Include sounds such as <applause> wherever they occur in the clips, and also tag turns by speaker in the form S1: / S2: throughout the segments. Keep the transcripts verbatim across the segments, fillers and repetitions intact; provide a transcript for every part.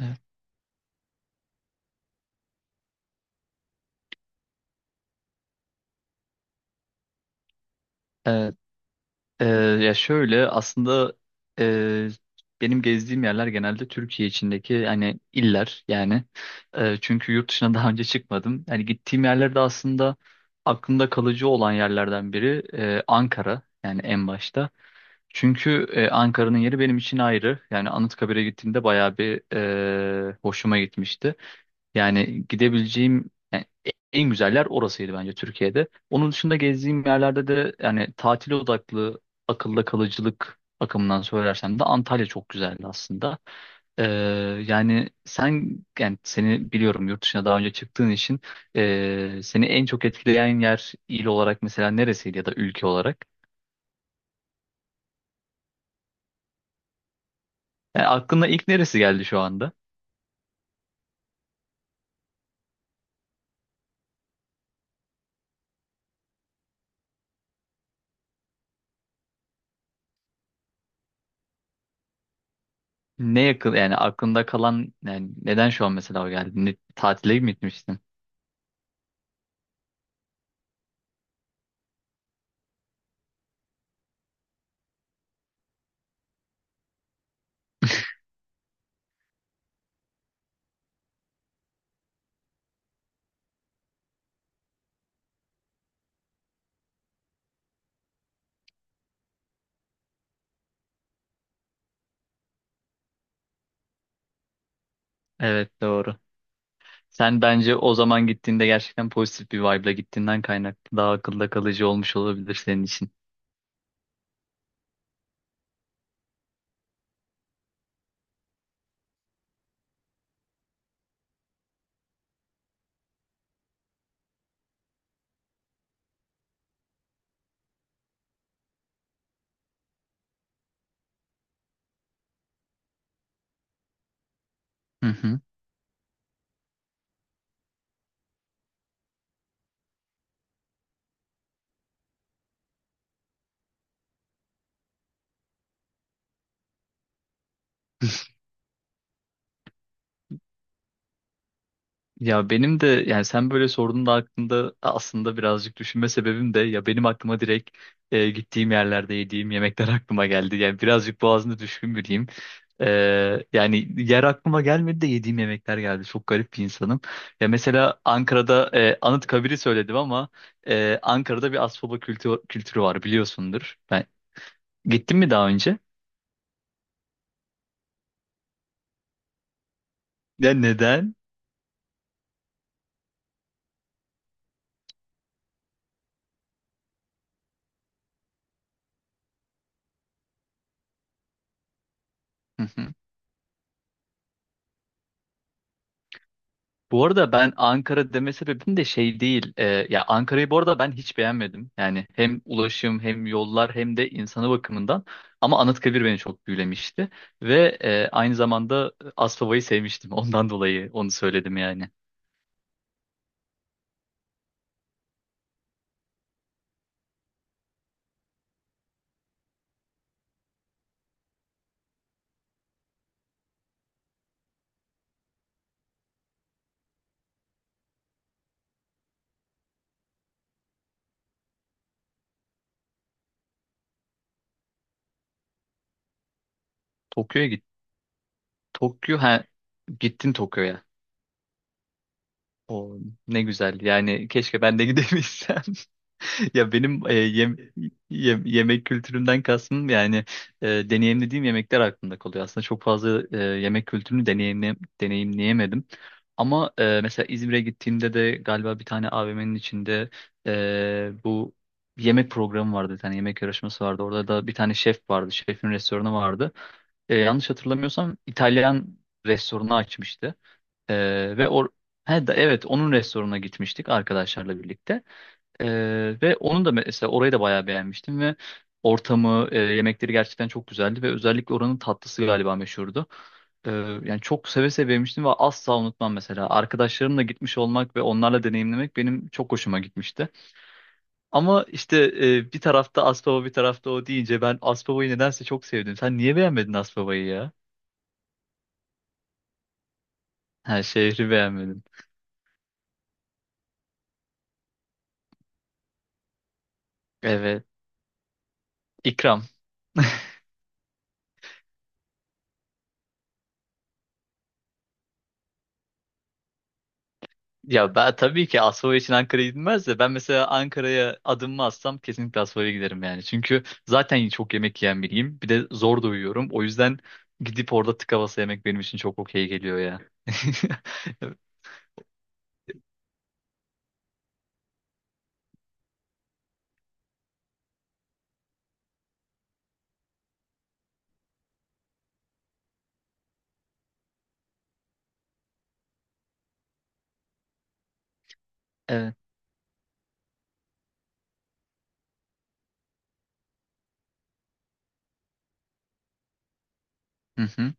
S1: Evet. Evet, e, ya şöyle aslında e, benim gezdiğim yerler genelde Türkiye içindeki hani iller yani. E, çünkü yurt dışına daha önce çıkmadım. Yani gittiğim yerler de aslında aklımda kalıcı olan yerlerden biri e, Ankara yani en başta. Çünkü e, Ankara'nın yeri benim için ayrı. Yani Anıtkabir'e gittiğimde bayağı bir e, hoşuma gitmişti. Yani gidebileceğim yani en güzel yer orasıydı bence Türkiye'de. Onun dışında gezdiğim yerlerde de yani tatil odaklı akılda kalıcılık bakımından söylersem de Antalya çok güzeldi aslında. E, Yani sen yani seni biliyorum yurt dışına daha önce çıktığın için e, seni en çok etkileyen yer il olarak mesela neresiydi ya da ülke olarak? Yani aklına ilk neresi geldi şu anda? Ne yakın yani aklında kalan yani neden şu an mesela o geldi? Ne- tatile mi gitmiştin? Evet, doğru. Sen bence o zaman gittiğinde gerçekten pozitif bir vibe'la gittiğinden kaynaklı daha akılda kalıcı olmuş olabilir senin için. Hı hı. Ya benim de yani sen böyle sorduğunda aklımda aslında birazcık düşünme sebebim de ya benim aklıma direkt e, gittiğim yerlerde yediğim yemekler <laughs> aklıma geldi. Yani birazcık boğazında düşkün biriyim. E, Yani yer aklıma gelmedi de yediğim yemekler geldi. Çok garip bir insanım. Ya mesela Ankara'da e, Anıtkabir'i söyledim ama e, Ankara'da bir Asfoba kültü, kültürü var biliyorsundur. Ben gittim mi daha önce? Ya neden? <laughs> Bu arada ben Ankara deme sebebim de şey değil. Ee, ya Ankara'yı bu arada ben hiç beğenmedim. Yani hem ulaşım hem yollar hem de insanı bakımından. Ama Anıtkabir beni çok büyülemişti. Ve e, aynı zamanda Aspava'yı sevmiştim. <laughs> Ondan dolayı onu söyledim yani. Tokyo'ya git. Tokyo, ha, gittin Tokyo'ya. O ne güzel. Yani keşke ben de gidebilsem. <laughs> Ya benim e, yem- yem- yemek kültürümden kastım yani e, deneyimlediğim yemekler aklımda kalıyor. Aslında çok fazla e, yemek kültürünü deneyimle, deneyimleyemedim. Ama e, mesela İzmir'e gittiğimde de galiba bir tane A V M'nin içinde e, bu yemek programı vardı. Bir tane yemek yarışması vardı. Orada da bir tane şef vardı. Şefin restoranı vardı. E, yanlış hatırlamıyorsam İtalyan restoranı açmıştı. Ee, ve or He, de- evet, onun restoranına gitmiştik arkadaşlarla birlikte. Ee, ve onun da mesela orayı da bayağı beğenmiştim ve ortamı, e, yemekleri gerçekten çok güzeldi ve özellikle oranın tatlısı galiba meşhurdu. Ee, Yani çok seve seve yemiştim ve asla unutmam mesela. Arkadaşlarımla gitmiş olmak ve onlarla deneyimlemek benim çok hoşuma gitmişti. Ama işte e, bir tarafta Aspava bir tarafta o deyince ben Aspava'yı nedense çok sevdim. Sen niye beğenmedin Aspava'yı ya? Ha, şehri beğenmedim. Evet. İkram. Ya ben tabii ki Asfalya için Ankara'ya gidilmez de ben mesela Ankara'ya adımımı atsam kesinlikle Asfalya giderim yani. Çünkü zaten çok yemek yiyen biriyim. Bir de zor da uyuyorum. O yüzden gidip orada tık havası yemek benim için çok okey geliyor ya. <laughs> Evet. Hı hı.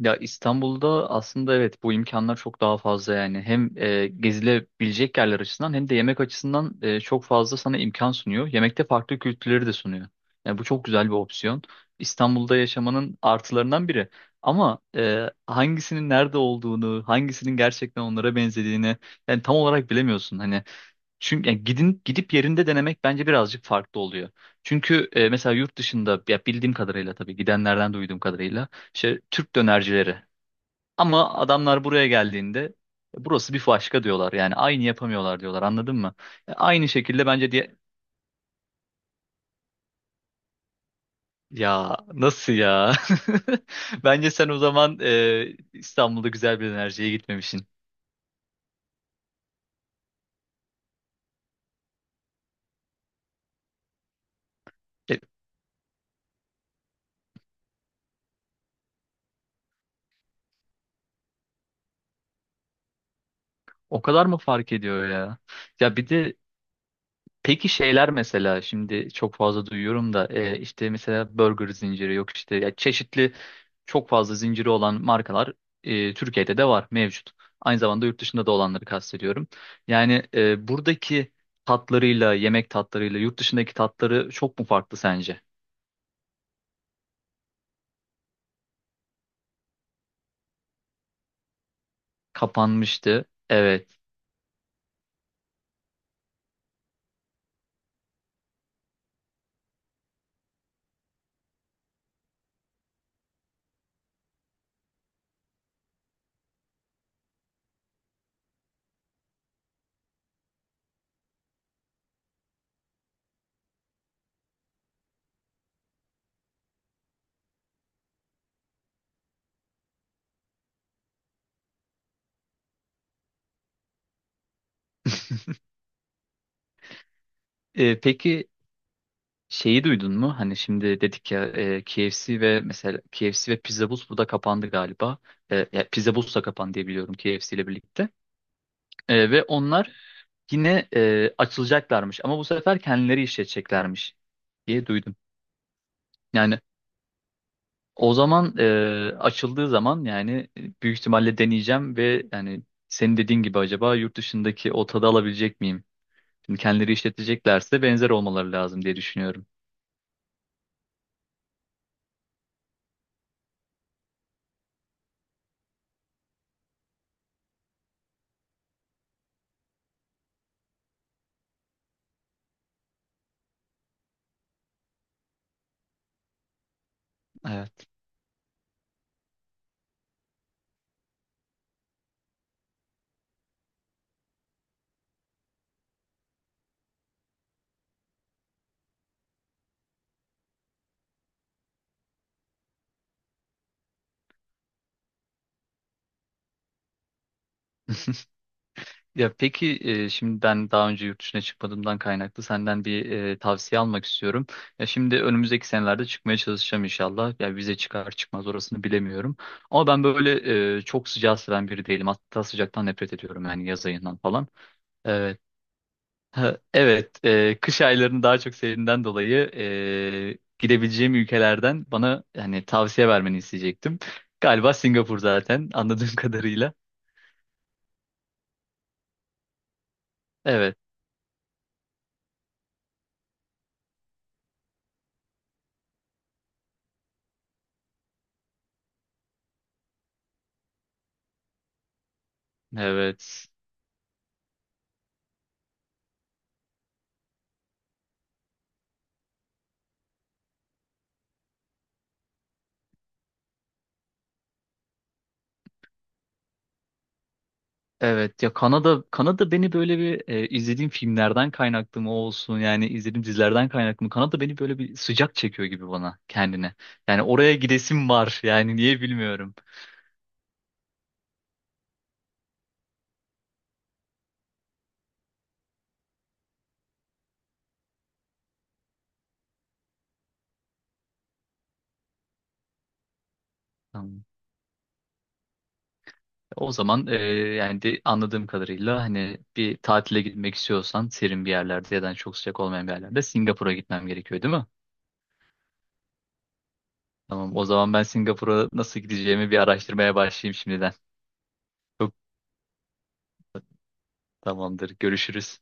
S1: Ya İstanbul'da aslında evet bu imkanlar çok daha fazla yani. Hem e, gezilebilecek yerler açısından hem de yemek açısından e, çok fazla sana imkan sunuyor. Yemekte farklı kültürleri de sunuyor. Yani bu çok güzel bir opsiyon. İstanbul'da yaşamanın artılarından biri. Ama e, hangisinin nerede olduğunu, hangisinin gerçekten onlara benzediğini yani tam olarak bilemiyorsun. Hani çünkü yani gidin gidip yerinde denemek bence birazcık farklı oluyor. Çünkü e, mesela yurt dışında ya bildiğim kadarıyla tabii gidenlerden duyduğum kadarıyla işte Türk dönercileri. Ama adamlar buraya geldiğinde "E, burası bir başka" diyorlar. Yani aynı yapamıyorlar diyorlar. Anladın mı? E, aynı şekilde bence diye ya nasıl ya? <laughs> Bence sen o zaman e, İstanbul'da güzel bir dönerciye gitmemişsin. E, O kadar mı fark ediyor ya? Ya bir de peki şeyler mesela şimdi çok fazla duyuyorum da e, işte mesela burger zinciri yok işte ya çeşitli çok fazla zinciri olan markalar e, Türkiye'de de var mevcut. Aynı zamanda yurt dışında da olanları kastediyorum. Yani e, buradaki tatlarıyla yemek tatlarıyla yurt dışındaki tatları çok mu farklı sence? Kapanmıştı. Evet. <laughs> E, peki, şeyi duydun mu? Hani şimdi dedik ya e, K F C ve mesela K F C ve Pizza Bus burada kapandı galiba. E, ya Pizza Bus da kapandı diye biliyorum K F C ile birlikte. E, ve onlar yine e, açılacaklarmış ama bu sefer kendileri işleteceklermiş diye duydum. Yani o zaman e, açıldığı zaman yani e, büyük ihtimalle deneyeceğim ve yani senin dediğin gibi acaba yurt dışındaki o tadı alabilecek miyim? Şimdi kendileri işleteceklerse benzer olmaları lazım diye düşünüyorum. Evet. <laughs> Ya peki e, şimdi ben daha önce yurt dışına çıkmadığımdan kaynaklı senden bir e, tavsiye almak istiyorum. Ya şimdi önümüzdeki senelerde çıkmaya çalışacağım inşallah. Ya vize çıkar çıkmaz orasını bilemiyorum. Ama ben böyle e, çok sıcağı seven biri değilim. Hatta sıcaktan nefret ediyorum yani yaz ayından falan. Evet. Ha, evet, e, kış aylarını daha çok sevdiğimden dolayı e, gidebileceğim ülkelerden bana yani tavsiye vermeni isteyecektim. Galiba Singapur zaten anladığım <laughs> kadarıyla. Evet, evet. Evet, ya Kanada, Kanada beni böyle bir e, izlediğim filmlerden kaynaklı mı olsun yani izlediğim dizilerden kaynaklı mı Kanada beni böyle bir sıcak çekiyor gibi bana kendine. Yani oraya gidesim var yani niye bilmiyorum. Tamam. O zaman e, yani de anladığım kadarıyla hani bir tatile gitmek istiyorsan serin bir yerlerde ya da hani çok sıcak olmayan bir yerlerde Singapur'a gitmem gerekiyor değil mi? Tamam, o zaman ben Singapur'a nasıl gideceğimi bir araştırmaya başlayayım şimdiden. Çok tamamdır, görüşürüz.